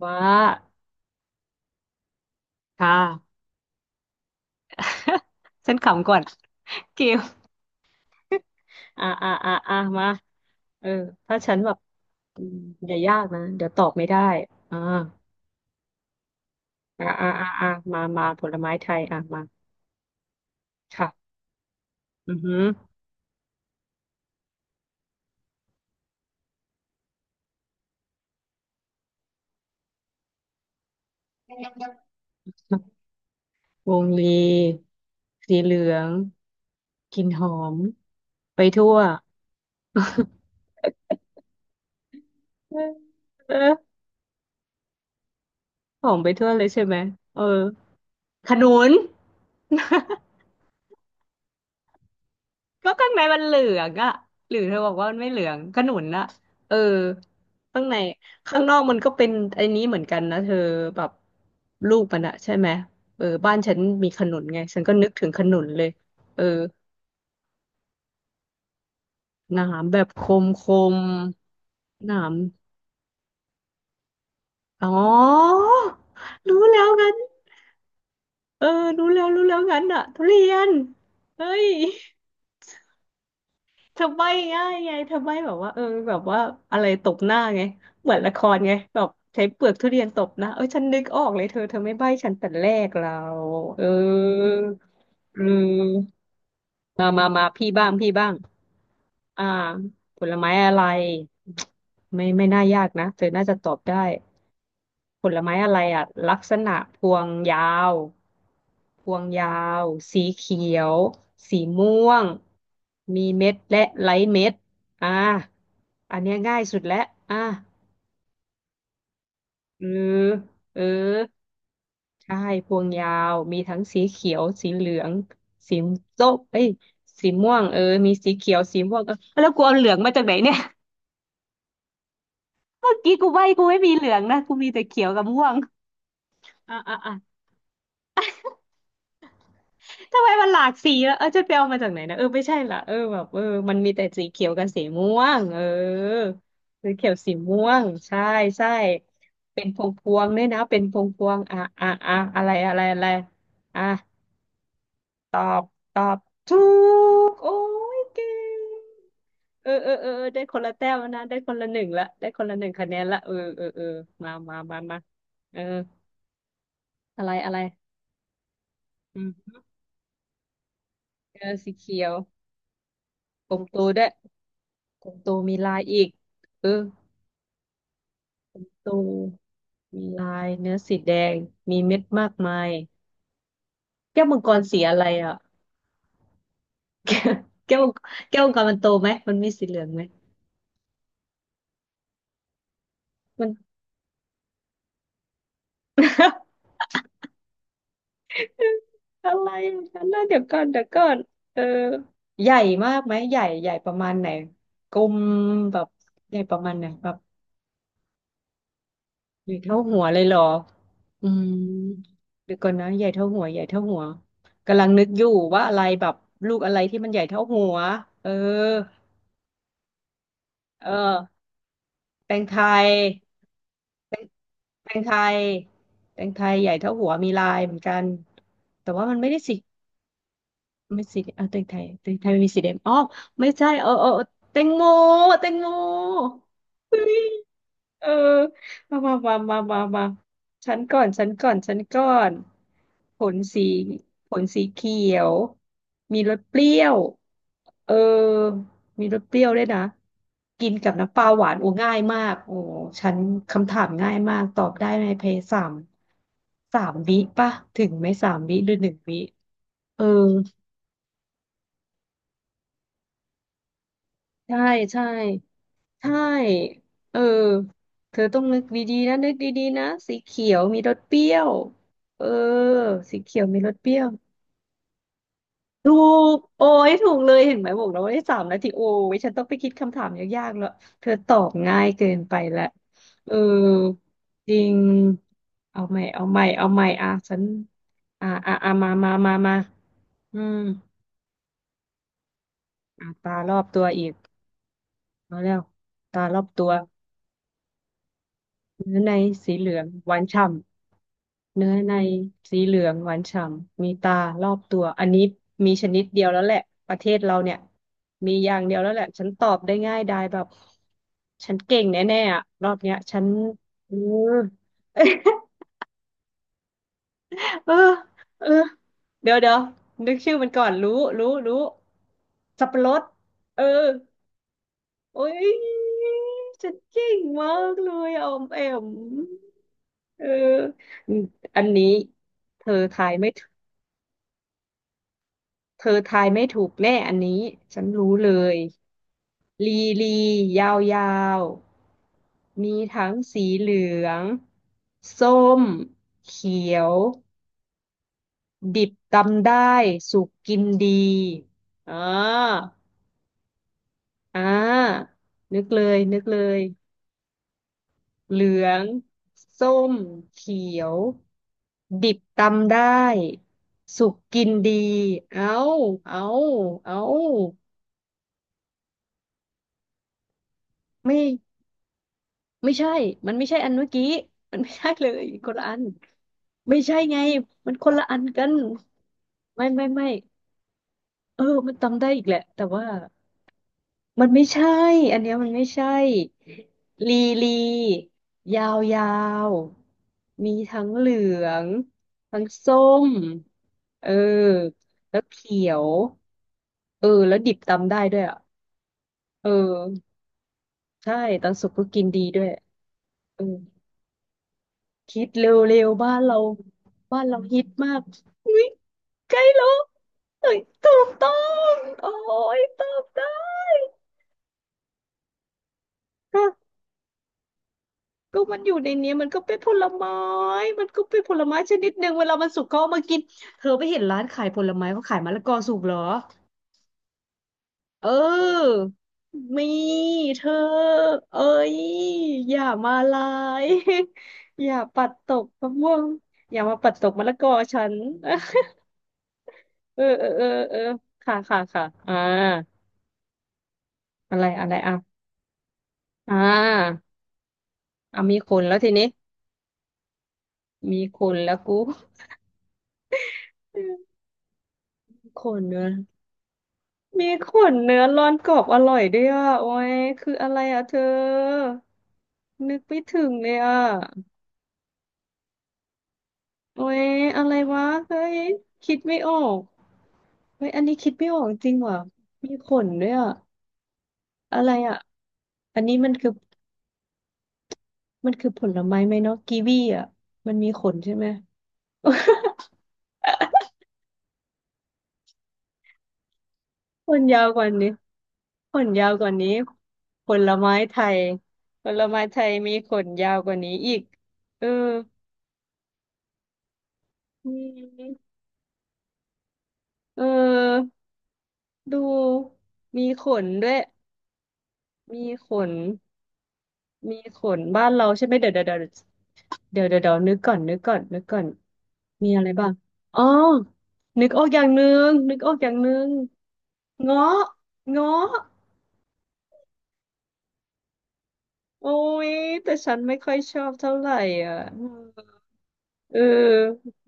ว่าค่ะ ฉันขำก่อนกิว มาเออถ้าฉันแบบอืมอย่ายากนะ เดี๋ยวตอบไม่ได้ อ่า อ่ะมา มา ผลไม้ไทย อ่ะมา ค่ะอือหือวงลีสีเหลืองกลิ่นหอม ไปทั่ว เออหอมไปทั่วเลยใช่ไหม เออ ขนุน ก็ข้างในมันเหลืองอะหรือเธอบอกว่ามันไม่เหลือง ขนุนอะเออข้างในข้างนอกมันก็เป็นไอ้นี้เหมือนกันนะเธอแบบลูกมันอะใช่ไหมเออบ้านฉันมีขนุนไงฉันก็นึกถึงขนุนเลยเออหนามแบบคมคมหนามอ๋อรู้แล้วงั้นเออรู้แล้วรู้แล้วงั้นอะทุเรียนเฮ้ย เธอใบ้ง่ายไงเธอใบ้แบบว่าเออแบบว่าอะไรตบหน้าไงเหมือนละครไงแบบใช้เปลือกทุเรียนตบหน้าเอ้ยฉันนึกออกเลยเธอเธอไม่ใบ้ฉันแต่แรกเราเออเออมมามามาพี่บ้างพี่บ้างอ่าผลไม้อะไรไม่ไม่น่ายากนะเธอน่าจะตอบได้ ผลไม้อะไรอ่ะลักษณะพวงยาวพวงยาวสีเขียวสีม่วงมีเม็ดและไร้เม็ดอ่าอันเนี้ยง่ายสุดแล้วอ่าเออเออใช่พวงยาวมีทั้งสีเขียวสีเหลืองสีส้มเอ้ยสีม่วงเออมีสีเขียวสีม่วงเออแล้วกูเอาเหลืองมาจากไหนเนี่ย เมื่อกี้กูใบ้กูไม่มีเหลืองนะกูมีแต่เขียวกับม่วงอ่ะอ่ะอ่ะ ทำไมมันหลากสีละเออจะไปเอามาจากไหนนะเออไม่ใช่ละเออแบบมันมีแต่สีเขียวกับสีม่วงเออสีเขียวสีม่วงใช่ใช่เป็นพวงพวงด้วยนะเป็นพวงพวงอ่ะอ่ะอ่ะอะไรอะไรอะไรอ่ะตอบตอบถูกโอ้ยเก่งเออเออเออเออได้คนละแต้มแล้วนะได้คนละหนึ่งละได้คนละหนึ่งคะแนนละเออเออเออมามามามาเอออะไรอะไรอืมเออสีเขียวกลมโตด้วย ตรงตวมีลายอีกเออตรงมีลายเนื้อสีแดง มีเม็ดมากมายแก้วมังกรสีอะไรอ่ะแก้วแก้วมังกรมันโตไหม มันมีสีเหลืองไหมมัน อะไรมันกันนะเดี๋ยวก่อนเดี๋ยวก่อน เออ ใหญ่มากไหมใหญ่ใหญ่ประมาณไหนกลมแบบใหญ่ประมาณไหนแบบใหญ่เท่าหัวเลยเหรออืมเดี๋ยวก่อนนะใหญ่เท่าหัวใหญ่เท่าหัว กำลังนึกอยู่ว่าอะไรแบบลูกอะไรที่มันใหญ่เท่าหัวเออ เออแตงไทยแตงแตงไทยแตงไทยใหญ่เท่าหัวมีลายเหมือนกันแต่ว่ามันไม่ได้สีไม่สีเออแตงไทยแตงไทยมันมีสีแดงอ๋อไม่ใช่เออเออเออแตงโมแตงโม เออ มามามามามามาฉันก่อนฉันก่อนฉันก่อนผลสีผลสีเขียว มีรสเปรี้ยวเออ มีรสเปรี้ยวด้วยนะกินกับน้ำปลาหวานโอ้ง่ายมากโอ้ฉันคำถามง่ายมาก ตอบได้ในเพยสาม สามวิป่ะถึงไหมสามวิหรือหนึ่งวิเออใช่ใช่ ใช่เออเธอต้องนึกดีๆนะนึกดีๆนะสีเขียวมีรสเปรี้ยวเออสีเขียวมีรสเปรี้ยวถูกโอ้ยถูกเลยเห็นไหมบอกแล้วว่าได้สามนาทีโอ้ยฉันต้องไปคิดคำถามยากๆแล้วเธอตอบง่ายเกินไปละเออจริงเอาใหม่เอาใหม่เอาใหม่อ่ะฉันอ่ะอ่ะอ่ะมามามามาอืมอ่ะตารอบตัวอีกเอาแล้วตารอบตัวเนื้อในสีเหลืองหวานฉ่ำ เนื้อในสีเหลืองหวานฉ่ำมีตารอบตัวอันนี้มีชนิดเดียวแล้วแหละประเทศเราเนี่ยมีอย่างเดียวแล้วแหละฉันตอบได้ง่ายดายแบบฉันเก่งแน่ๆอะรอบเนี้ยฉันเออ เออเออเดี๋ยวเดี๋ยวนึกชื่อมันก่อนรู้รู้รู้สับปะรดเออโอ้ยฉันเก่งมากเลยออมแอมเอออันนี้เธอทายไม่ถ เธอทายไม่ถูกแน่อันนี้ฉันรู้เลยลีลียาวยาวมีทั้งสีเหลืองส้มเขียวดิบตำได้สุกกินดีอ่าอ่านึกเลยนึกเลยเหลืองส้มเขียวดิบตำได้สุกกินดีเอาเอาเอาไม่ ไม่ใช่ มันไม่ใช่อันเมื่อกี้ มันไม่ใช่เลยคนละอัน ไม่ใช่ไง มันคนละอันกันไม่ไม่ไม่เออมันจำได้อีกแหละ แต่ว่า มันไม่ใช่ อันเนี้ยมันไม่ใช่ ลีลียาวยาวมีทั้งเหลือง ทั้งส้มเออแล้วเขียวเออแล้วดิบตำได้ด้วยอ่ะเออใช่ตอนสุกก็กินดีด้วยเออ คิดเร็วๆบ้านเราฮิตมากอุ้ยใกล้แล้วเอ้ยถูกต้องโอ้ยตอบได้ก็ก็มันอยู่ในนี้มันก็เป็นผลไม้มันก็เป็นผลไม้ชนิดหนึ่งเวลามันสุกเขาเอามากินเธอไปเห็นร้านขายผลไม้เขาขายมะละกอสุกเหรอเออมีเธอเอ้ยอย่ามาลาย อย่าปัดตกมะม่วงอย่ามาปัดตกมะละกอฉัน เออเออเออเออค่ะค่ะค่ะอะไรอะไรอ่ะอ่าอ่ะมีขนแล้วทีนี้มีขนแล้วกูขนเนื้อมีขนเนื้อร้อนกรอบอร่อยด้วยอ่ะโอ้ยคืออะไรอ่ะเธอนึกไม่ถึงเลยอ่ะโอ้ยอะไรวะเฮ้ยคิดไม่ออกเฮ้ยอันนี้คิดไม่ออกจริงว่ะมีขนด้วยอ่ะอะไรอ่ะอันนี้มันคือผลไม้ไหมเนาะกีวีอ่ะมันมีขนใช่ไหม มัน ยาวกว่านี้ ขนยาวกว่านี้ผลไม้ไทยผลไม้ไทยมีขนยาวกว่านี้อีกเออมีเออดูมีขนด้วยมีขนบ้านเราใช่ไหมเดี๋ยวเดี๋ยวเดี๋ยวเดี๋ยวเดี๋ยวเดี๋ยวนึกก่อนมีอะไรบ้างอ๋อนึกออกอย่างหนึงนึกออกอย่างหนึงเงาะเงาะโอ้ยแต่ฉันไม่ค่อยชอบเท่าไหร่อ่ะ เออ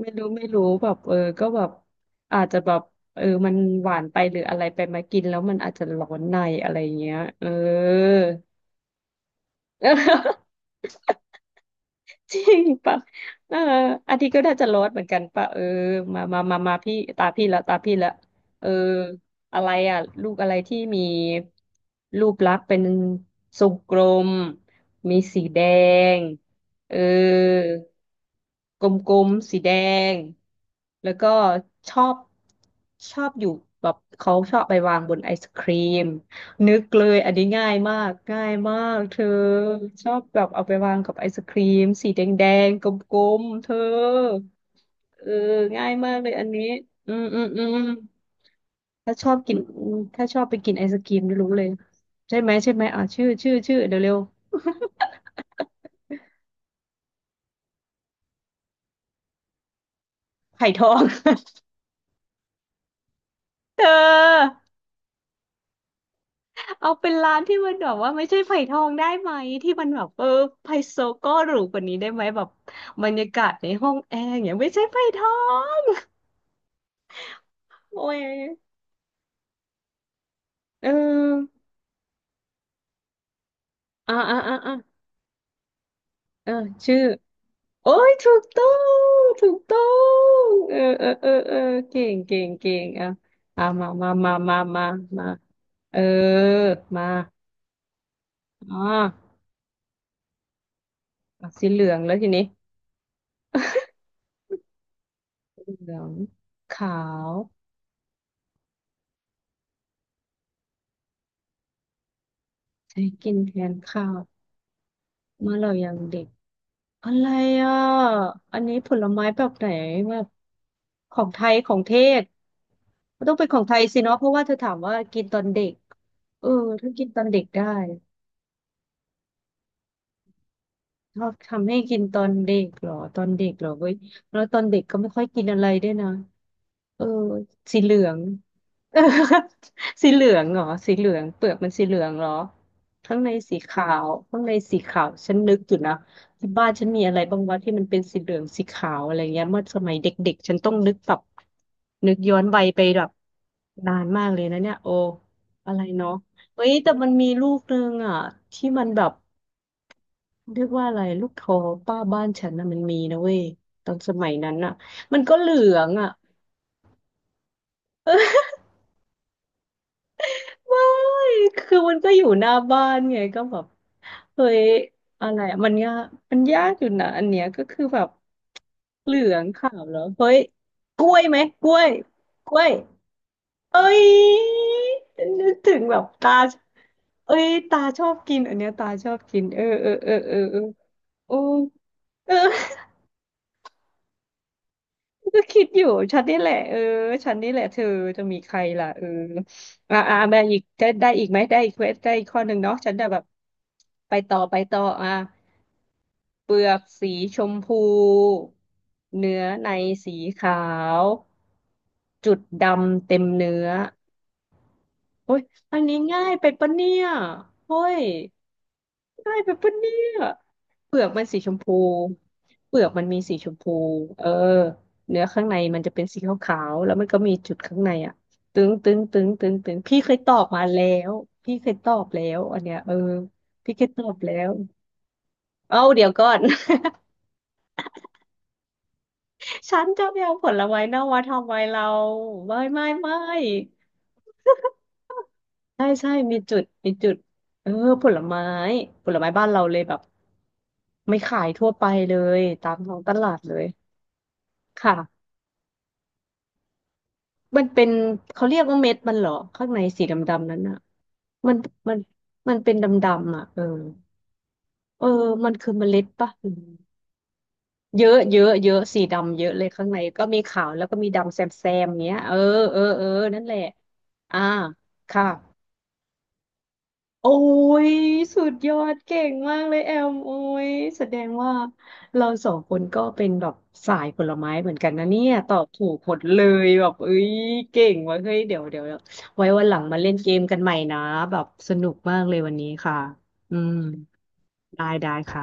ไม่รู้แบบก็แบบอาจจะแบบเออมันหวานไปหรืออะไรไปมากินแล้วมันอาจจะร้อนในอะไรเงี้ยเออ จริงปะเอออาทิตย์ก็น่าจะร้อนเหมือนกันปะเออมามามามาพี่ตาพี่ละเอออะไรอ่ะ ลูกอะไรที่มีรูปลักษณ์เป็นทรงกลมมีสีแดงเออกลมๆ สีแดง แล้วก็ชอบชอบอยู่แบบเขาชอบไปวางบนไอศครีม นึกเลยอันนี้ง่ายมากเธอชอบแบบเอาไปวางกับไอศครีมสีแดงๆกลมๆเธอเออง่ายมากเลยอันนี้อืมอืมอืมถ้าชอบกินอืมถ้าชอบไปกินไอศกรีมนี่รู้เลยใช่ไหมใช่ไหมอ่ะชื่อชื่อชื่อเดี๋ยวเร็วไผ่ทอง เธอเอาเป็นร้านที่มันแบบว่าไม่ใช่ไผ่ทองได้ไหมที่มันแบบเออไฮโซก็หรูกว่านี้ได้ไหมแบบบรรยากาศในห้องแอร์อย่างเงี้ยไม่ใช่ไผ่ทองโอ้ย เอออ่าอ่าอ่าอ่าเออชื่อ โอ้ยถูกต้อง ถูกต้องเออเออเออเออเก่งเก่งเก่งอ่ะอ่ะมามามามามามาเออมาอ่าอ่ะสีเหลืองแล้วทีนี้เหลืองขาว ใช้กินแทนข้าว เมื่อเรายังเด็ก อะไรอ่ะอันนี้ผลไม้แบบไหนแบบของไทยของเทศมันต้องเป็นของไทยสิเนาะเพราะว่าเธอถามว่ากินตอนเด็กเออถ้ากินตอนเด็กได้ชอบทำให้กินตอนเด็กเหรอตอนเด็กเหรอเว้ยแล้วตอนเด็กก็ไม่ค่อยกินอะไรด้วยนะ เออสีเหลือง เออ สีเหลืองเหรอสีเหลืองเปลือกมันสีเหลืองเหรอข้างในสีขาวข้างในสีขาวฉันนึกอยู่นะที่บ้านฉันมีอะไรบ้างวะที่มันเป็นสีเหลืองสีขาวอะไรเงี้ยเมื่อสมัยเด็กๆฉันต้องนึกแบบนึกย้อนวัยไปแบบนานมากเลยนะเนี่ยโออะไรเนาะเฮ้ยแต่มันมีลูกนึงอ่ะที่มันแบบเรียกว่าอะไรลูกทอป้าบ้านฉันนะมันมีนะเว้ยตอนสมัยนั้นอ่ะมันก็เหลืองอ่ะ ไม่คือมันก็อยู่หน้าบ้านไงก็แบบเฮ้ยอะไรอะมันยากอยู่นะอันเนี้ยก็คือแบบเหลืองขาวแล้วเฮ้ยกล้วยไหมกล้วยกล้วยเอ้ยนึกถึงแบบตาเอ้ยตาชอบกินอันเนี้ยตาชอบกินเออเออเออเออเออโอ้เออ ก็คิดอยู่ฉันนี่แหละเออฉันนี่แหละเธอจะมีใครล่ะเอออ่าอ่ามาอีกได้ได้อีกไหมได้อีกเวสได้อีกข้อหนึ่งเนาะฉันจะแบบไปต่ออ่ะเปลือกสีชมพูเนื้อในสีขาวจุดดำเต็มเนื้อ โอ้ยอันนี้ง่ายไปปะเนี่ยเอ้ยง่ายไปปะเนี่ย เปลือกมันสีชมพูเปลือกมันมีสีชมพูเออเนื้อข้างในมันจะเป็นสีขาวๆ แล้วมันก็มีจุดข้างในอ่ะตึงตึงตึงตึงตึงพี่เคยตอบมาแล้วพี่เคยตอบแล้วอันเนี้ยเออพี่เคยตอบแล้ว เอาเดี๋ยวก่อน ฉันจะไปเอาผลไม้เน่ามาทำไมเรา ไม่ไม่ไม่ ใช่ใช่มีจุดมีจุดเออผลไม้บ้านเราเลยแบบไม่ขายทั่วไปเลยตามท้องตลาดเลย ค่ะมันเป็นเขาเรียกว่าเม็ดมันเหรอข้างในสีดำๆนั้นอ่ะมันมันมันเป็นดำๆอ่ะเออเออมันคือเมล็ดปะอืมเยอะเยอะเยอะสีดำเยอะเลยข้างในก็มีขาวแล้วก็มีดำแซมๆเนี้ยเออเออเออนั่นแหละอ่าค่ะ โอ้ยสุดยอดเก่งมากเลยแอมโอ้ยแสดงว่าเราสองคนก็เป็นแบบสายผลไม้เหมือนกันนะเนี่ยตอบถูกหมดเลยแบบเอ้ยเก่งว่ะเฮ้ยเดี๋ยวเดี๋ยวเดี๋ยวไว้วันหลังมาเล่นเกมกันใหม่นะแบบสนุกมากเลยวันนี้ค่ะอืมได้ได้ค่ะ